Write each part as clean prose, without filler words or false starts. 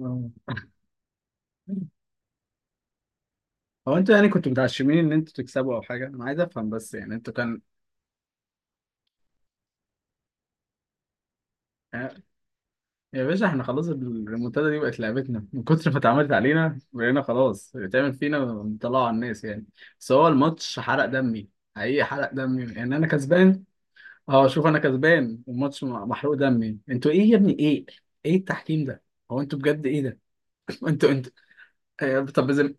آه. هو انتوا يعني كنتوا متعشمين ان انتوا تكسبوا او حاجه، انا عايز افهم بس. يعني انتوا كان آه، يا باشا احنا خلاص الريمونتادا دي بقت لعبتنا من كتر ما اتعملت علينا، بقينا خلاص بتعمل فينا مطلعوا على الناس يعني. بس هو الماتش حرق دمي، حقيقي حرق دمي يعني انا كسبان. اه شوف، انا كسبان والماتش محروق دمي، انتوا ايه يا ابني ايه؟ ايه التحكيم ده؟ هو انتوا بجد ايه ده؟ انتوا آه، طب زم...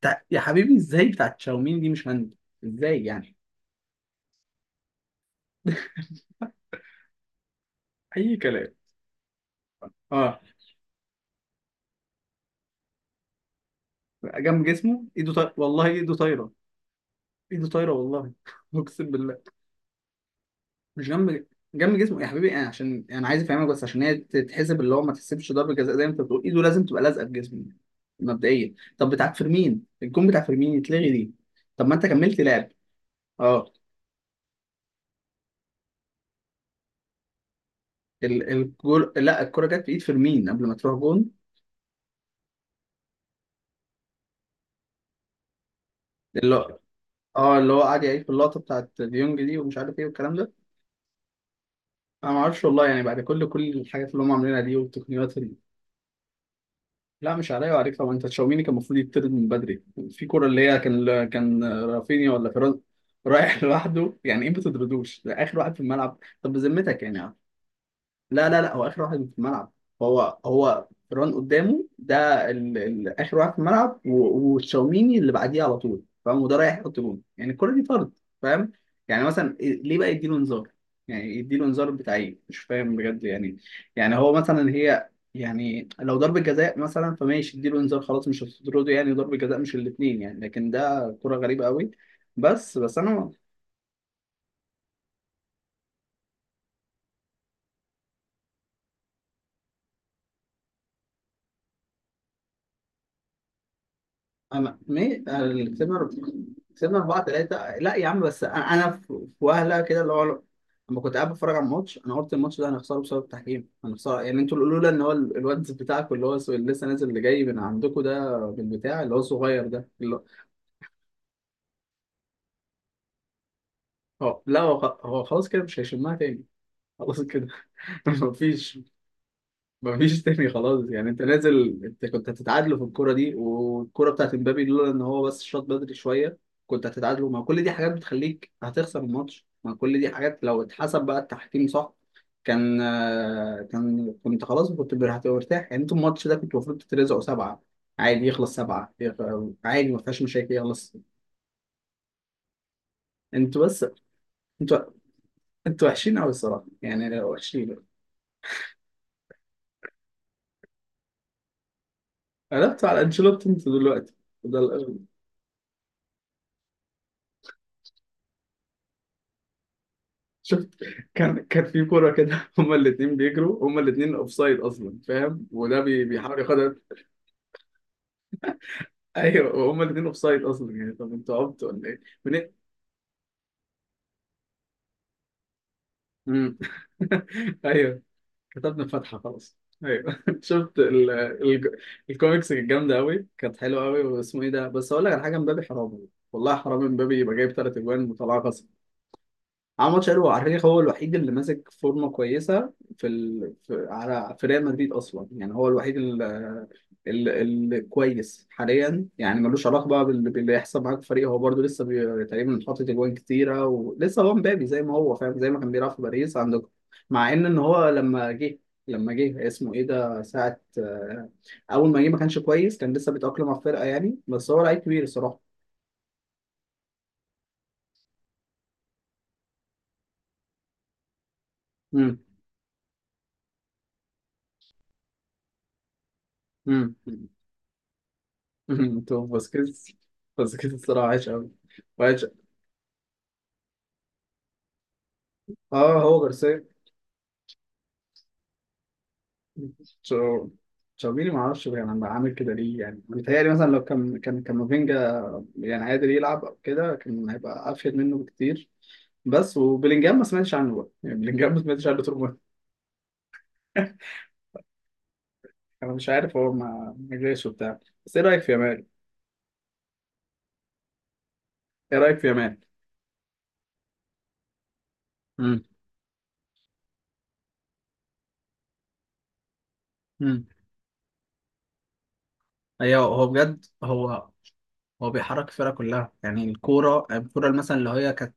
يا حبيبي ازاي بتاعت شاومين دي مش هاند؟ ازاي يعني؟ اي كلام. اه جنب جسمه ايده طايره، والله ايده طايره. ايده طايره والله اقسم بالله. مش جنب، جنب جسمه يا حبيبي. انا عشان انا عايز افهمك بس، عشان هي تتحسب اللي هو ما تحسبش ضربه جزاء زي ما انت بتقول، ايده لازم تبقى لازقه في جسمه مبدئيا. طب بتاع فيرمين، الجون بتاع فيرمين يتلغي دي؟ طب ما انت كملت لعب. اه الجول، لا الكره جت في ايد فيرمين قبل ما تروح جون. اللي هو اه اللي هو قعد يعيد في اللقطه بتاعت ديونج دي ومش عارف ايه والكلام ده. انا ما اعرفش والله، يعني بعد كل كل الحاجات اللي هم عاملينها دي والتقنيات. لا، مش عليا وعليك طبعا، انت تشاوميني كان المفروض يطرد من بدري. في كرة اللي هي كان كان رافينيا ولا فيران رايح لوحده، يعني ايه ما تطردوش؟ ده اخر واحد في الملعب، طب بذمتك يعني. لا لا لا، هو اخر واحد في الملعب. هو هو ران قدامه، ده ال... ال... اخر واحد في الملعب و... وتشاوميني اللي بعديه على طول، فاهم؟ وده رايح يحط جون، يعني الكرة دي طرد، فاهم؟ يعني مثلا ليه بقى يديله انذار؟ يعني يديله انذار بتاع ايه؟ مش فاهم بجد يعني. يعني هو مثلا هي، يعني لو ضربة جزاء مثلا فماشي اديله انذار خلاص، مش هتطرده يعني، ضربة جزاء مش الاثنين يعني، لكن ده كرة غريبة قوي. بس بس انا، انا كسبنا، كسبنا 4-3. لا يا عم، بس انا أنا في، في وهله كده اللي هو لما كنت قاعد بتفرج على الماتش انا قلت الماتش ده هنخسره بسبب التحكيم، هنخسره يعني. انتوا اللي لولا ان هو الواد بتاعكم اللي هو اللي لسه نازل، اللي جاي من عندكم ده بالبتاع، اللي هو الصغير ده اللي هو هو- لا هو هو خلاص كده مش هيشمها تاني، خلاص كده مفيش، مفيش تاني خلاص يعني. انت نازل، انت كنت هتتعادلوا في الكرة دي، والكرة بتاعت امبابي لولا ان هو بس شاط بدري شوية كنت هتتعادلوا. ما كل دي حاجات بتخليك هتخسر الماتش، ما كل دي حاجات لو اتحسب بقى التحكيم صح كان آه، كان كنت خلاص كنت هتبقى مرتاح يعني. انتوا الماتش ده كنتوا المفروض تترزقوا سبعة، عادي يخلص سبعة عادي، ما فيهاش مشاكل يخلص. انتوا بس، انتوا انتوا وحشين قوي الصراحة يعني، وحشين. قلبتوا على انشيلوتي انتوا دلوقتي ده؟ شفت كان كان في كوره كده هما الاثنين بيجروا، هما الاثنين اوف سايد اصلا، فاهم؟ وده بيحاول ياخدها. ايوه هما الاثنين اوف سايد اصلا، يعني طب انتوا عبتوا ولا ايه؟ من... إيه؟ مم. ايوه كتبنا فتحه خلاص. ايوه شفت ال... ال... الكوميكس كانت جامده قوي، كانت حلوه قوي، واسمه ايه ده؟ بس اقول لك على حاجه، مبابي حرام والله، حرام مبابي يبقى جايب ثلاث اجوان وطلعها. عمل ماتش حلو على فكره، هو الوحيد اللي ماسك فورمه كويسه في ال... في على في ريال مدريد اصلا يعني، هو الوحيد اللي اللي كويس حاليا، يعني ملوش علاقه بقى بال... باللي يحصل معاك في الفريق، هو برده لسه تقريبا حاطط اجوان كتيره، ولسه هو مبابي زي ما هو فاهم، زي ما كان بيلعب في باريس عندكم. مع ان هو لما جه، لما جه اسمه ايه ده ساعه آه، اول ما جه ما كانش كويس، كان لسه بيتاقلم على الفرقه يعني، بس هو لعيب كبير الصراحه. امم امم، امم. تو باسكيز. باسكيز الصراحة عايش أوي، وعايش. اه هو جارسيا. تشاو- تشاوميني ما اعرفش يعني، عامل كده ليه؟ يعني متهيألي مثلا لو كان كان كامافينجا يعني قادر يلعب او كده كان هيبقى افيد منه بكتير. بس وبلينجهام ما سمعتش عنه بقى يعني، بلينجهام ما سمعتش عنه طول عمري. انا مش عارف هو ما جاش وبتاع. بس ايه رايك في يامال؟ ايه رايك في يامال؟ امم امم ايوه هو بجد هو، هو بيحرك الفرقة كلها يعني. الكورة الكورة مثلا اللي هي كانت،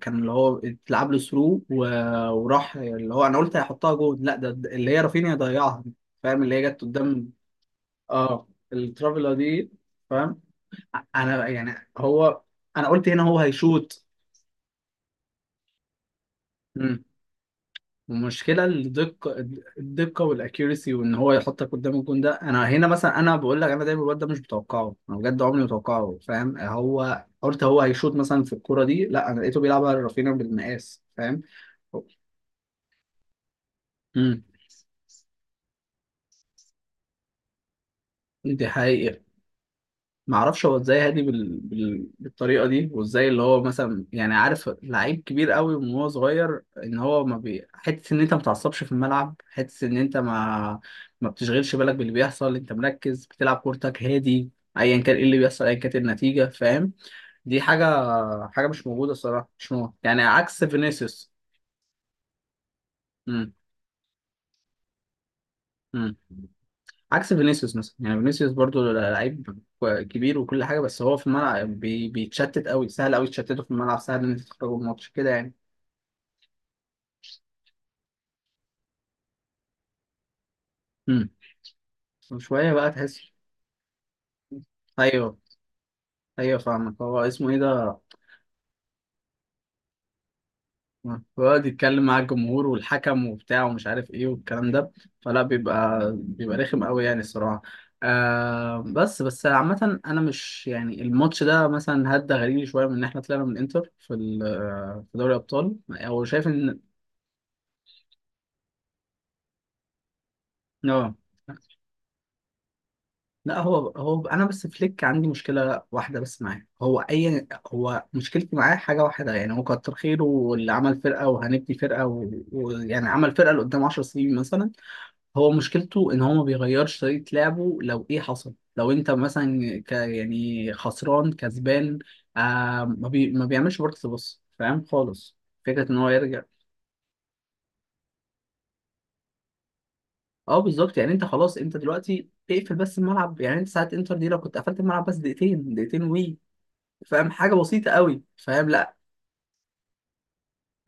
كان اللي هو اتلعب له ثرو وراح اللي هو، انا قلت هيحطها جول، لا ده ده اللي هي رافينيا ضيعها، فاهم؟ اللي هي جت قدام. اه الترافيلا دي، فاهم؟ انا يعني هو، انا قلت هنا هو هيشوط. المشكلة الدقة، الدقة والاكيوريسي وان هو يحطك قدام الجون ده. انا هنا مثلا انا بقول لك، انا دايما الواد ده مش متوقعه، انا بجد عمري ما متوقعه، فاهم؟ هو قلت هو هيشوط مثلا في الكورة دي، لا انا لقيته بيلعبها رافينا بالمقاس، فاهم؟ امم دي حقيقة. ما اعرفش هو ازاي هادي بال... بال... بالطريقه دي، وازاي اللي هو مثلا يعني، عارف لعيب كبير قوي من هو صغير، ان هو ما بي... حته ان انت ما تعصبش في الملعب، حته ان انت ما بتشغلش بالك باللي بيحصل، انت مركز بتلعب كورتك هادي ايا كان ايه اللي بيحصل، ايا كانت النتيجه، فاهم؟ دي حاجه، حاجه مش موجوده الصراحه، مش موجودة. يعني عكس فينيسيوس. امم عكس فينيسيوس مثلا يعني. فينيسيوس برضو لعيب كبير وكل حاجه، بس هو في الملعب بيتشتت قوي، سهل قوي تشتته في الملعب، سهل ان انت تخرجه من الماتش كده يعني. امم وشويه بقى تحس. ايوه ايوه فاهمك. هو اسمه ايه ده؟ بيقعد يتكلم مع الجمهور والحكم وبتاع ومش عارف ايه والكلام ده، فلا بيبقى، بيبقى رخم قوي يعني الصراحه. آه، بس بس عامة أنا مش يعني، الماتش ده مثلا هدى غريب شوية من إن إحنا طلعنا من إنتر في في دوري الأبطال، أو شايف إن آه. لا هو هو انا بس فليك عندي مشكله واحده بس معاه. هو اي هو مشكلتي معاه حاجه واحده يعني، هو كتر خيره واللي عمل فرقه وهنبني فرقه ويعني و... و- يعني عمل فرقه لقدام 10 سنين مثلا. هو مشكلته ان هو ما بيغيرش طريقه لعبه لو ايه حصل، لو انت مثلا ك... يعني خسران كسبان، آه ما بيعملش ورك بص، فاهم خالص؟ فكره ان هو يرجع. اه بالظبط، يعني انت خلاص، انت دلوقتي اقفل بس الملعب يعني. انت ساعه انتر دي لو كنت قفلت الملعب بس دقيقتين وي، فاهم؟ حاجه بسيطه قوي، فاهم؟ لا،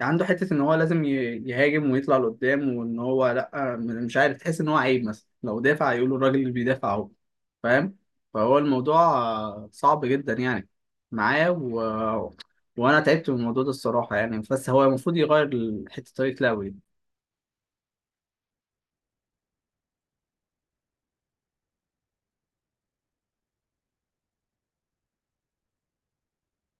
عنده حته ان هو لازم يهاجم ويطلع لقدام وان هو لا، مش عارف، تحس ان هو عيب مثلا لو دافع، يقولوا الراجل اللي بيدافع اهو، فاهم؟ فهو الموضوع آه، صعب جدا يعني، معاه و... وانا تعبت من الموضوع ده الصراحه يعني، بس هو المفروض يغير حته طريقه لعبه دي.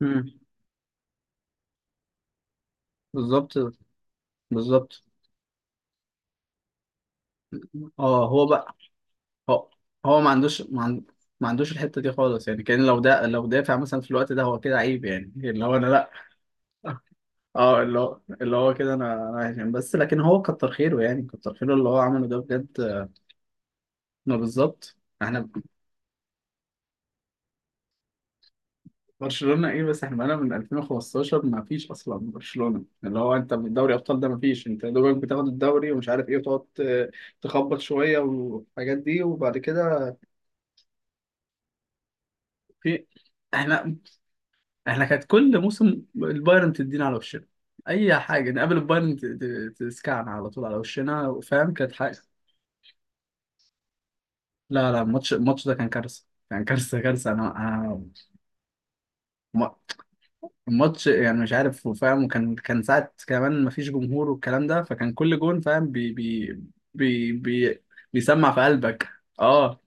مم. بالظبط. بالظبط. اه هو بقى، هو, هو ما عندوش ما, عن... ما عندوش الحته دي خالص يعني. كان لو ده لو دافع مثلا في الوقت ده هو كده عيب يعني، اللي هو انا لا، اه اللي هو اللي هو كده انا انا عايش يعني. بس لكن هو كتر خيره يعني، كتر خيره اللي هو عمله ده بجد. ما بالظبط احنا، برشلونة ايه بس احنا بقالنا من 2015 ما فيش اصلا برشلونة اللي هو. انت من دوري ابطال ده ما فيش، انت يا دوبك بتاخد الدوري ومش عارف ايه، وتقعد تخبط شوية والحاجات دي، وبعد كده في احنا، احنا كانت كل موسم البايرن تدينا على وشنا. اي حاجة نقابل البايرن تسكعنا على طول على وشنا، فاهم؟ كانت لا لا، الماتش الماتش ده كان كارثة، كان كارثة كارثة. أنا م- الماتش يعني مش عارف فاهم، وكان كان ساعة كمان مفيش جمهور والكلام ده، فكان كل جون فاهم بي بي بي بي بيسمع في قلبك. اه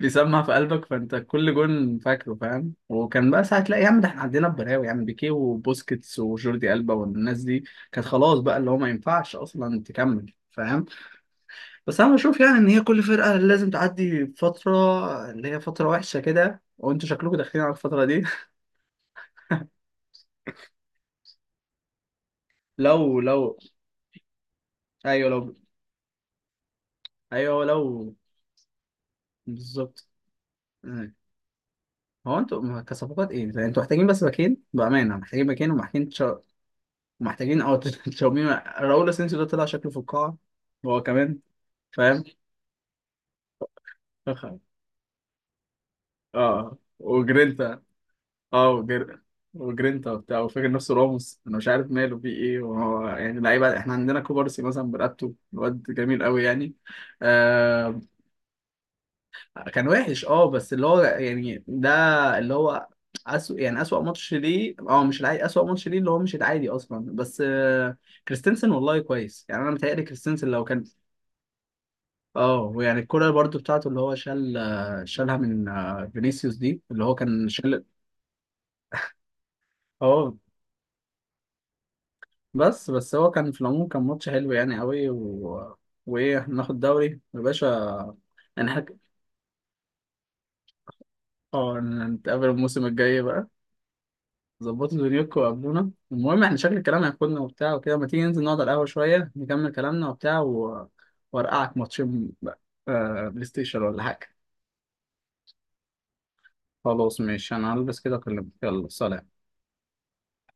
بيسمع في قلبك، فأنت كل جون فاكره فاهم، وكان بقى ساعة لا يا عم ده احنا عندنا بلاوي يعني، بيكيه وبوسكيتس وجوردي ألبا والناس دي كانت خلاص بقى اللي هو ما ينفعش أصلا تكمل، فاهم. بس انا بشوف يعني ان هي كل فرقه لازم تعدي فتره، اللي هي فتره وحشه كده، وانتوا شكلكم داخلين على الفتره دي. لو لو، ايوه لو، ايوه لو، بالظبط. أيوة. هو انتوا كصفقات ايه؟ يعني انتوا محتاجين بس باكين بامانه، محتاجين باكين ومحتاجين تشا... محتاجين او تشاومين. راؤول اسينسيو ده طلع شكله في القاعه هو كمان، فاهم؟ اه وجرينتا، اه وجرينتا وبتاع وفاكر نفسه راموس. انا مش عارف ماله فيه ايه وهو يعني لعيبه، احنا عندنا كوبارسي مثلا برقبته الواد جميل قوي يعني. آه... كان وحش، اه بس اللي هو يعني ده اللي هو أسوأ يعني، أسوأ ماتش ليه، اه مش العادي، أسوأ ماتش ليه اللي هو مش العادي اصلا، بس آه... كريستنسن والله كويس يعني، انا متهيألي كريستنسن لو كان اه يعني. الكرة برضو بتاعته اللي هو شال آه، شالها من آه، فينيسيوس دي اللي هو كان شال. اه بس بس هو كان في العموم كان ماتش حلو يعني قوي و... وايه؟ احنا ناخد دوري يا باشا. انا حاج... اه نتقابل الموسم الجاي بقى. ظبطوا دنيوكوا وقابلونا. المهم احنا شكل الكلام هياخدنا وبتاع وكده، ما تيجي ننزل نقعد على القهوة شوية نكمل كلامنا وبتاع و... وارقعك ماتشين بقى، آه بلاي ستيشن ولا حاجة. خلاص ماشي، انا هلبس كده اكلمك، يلا سلام.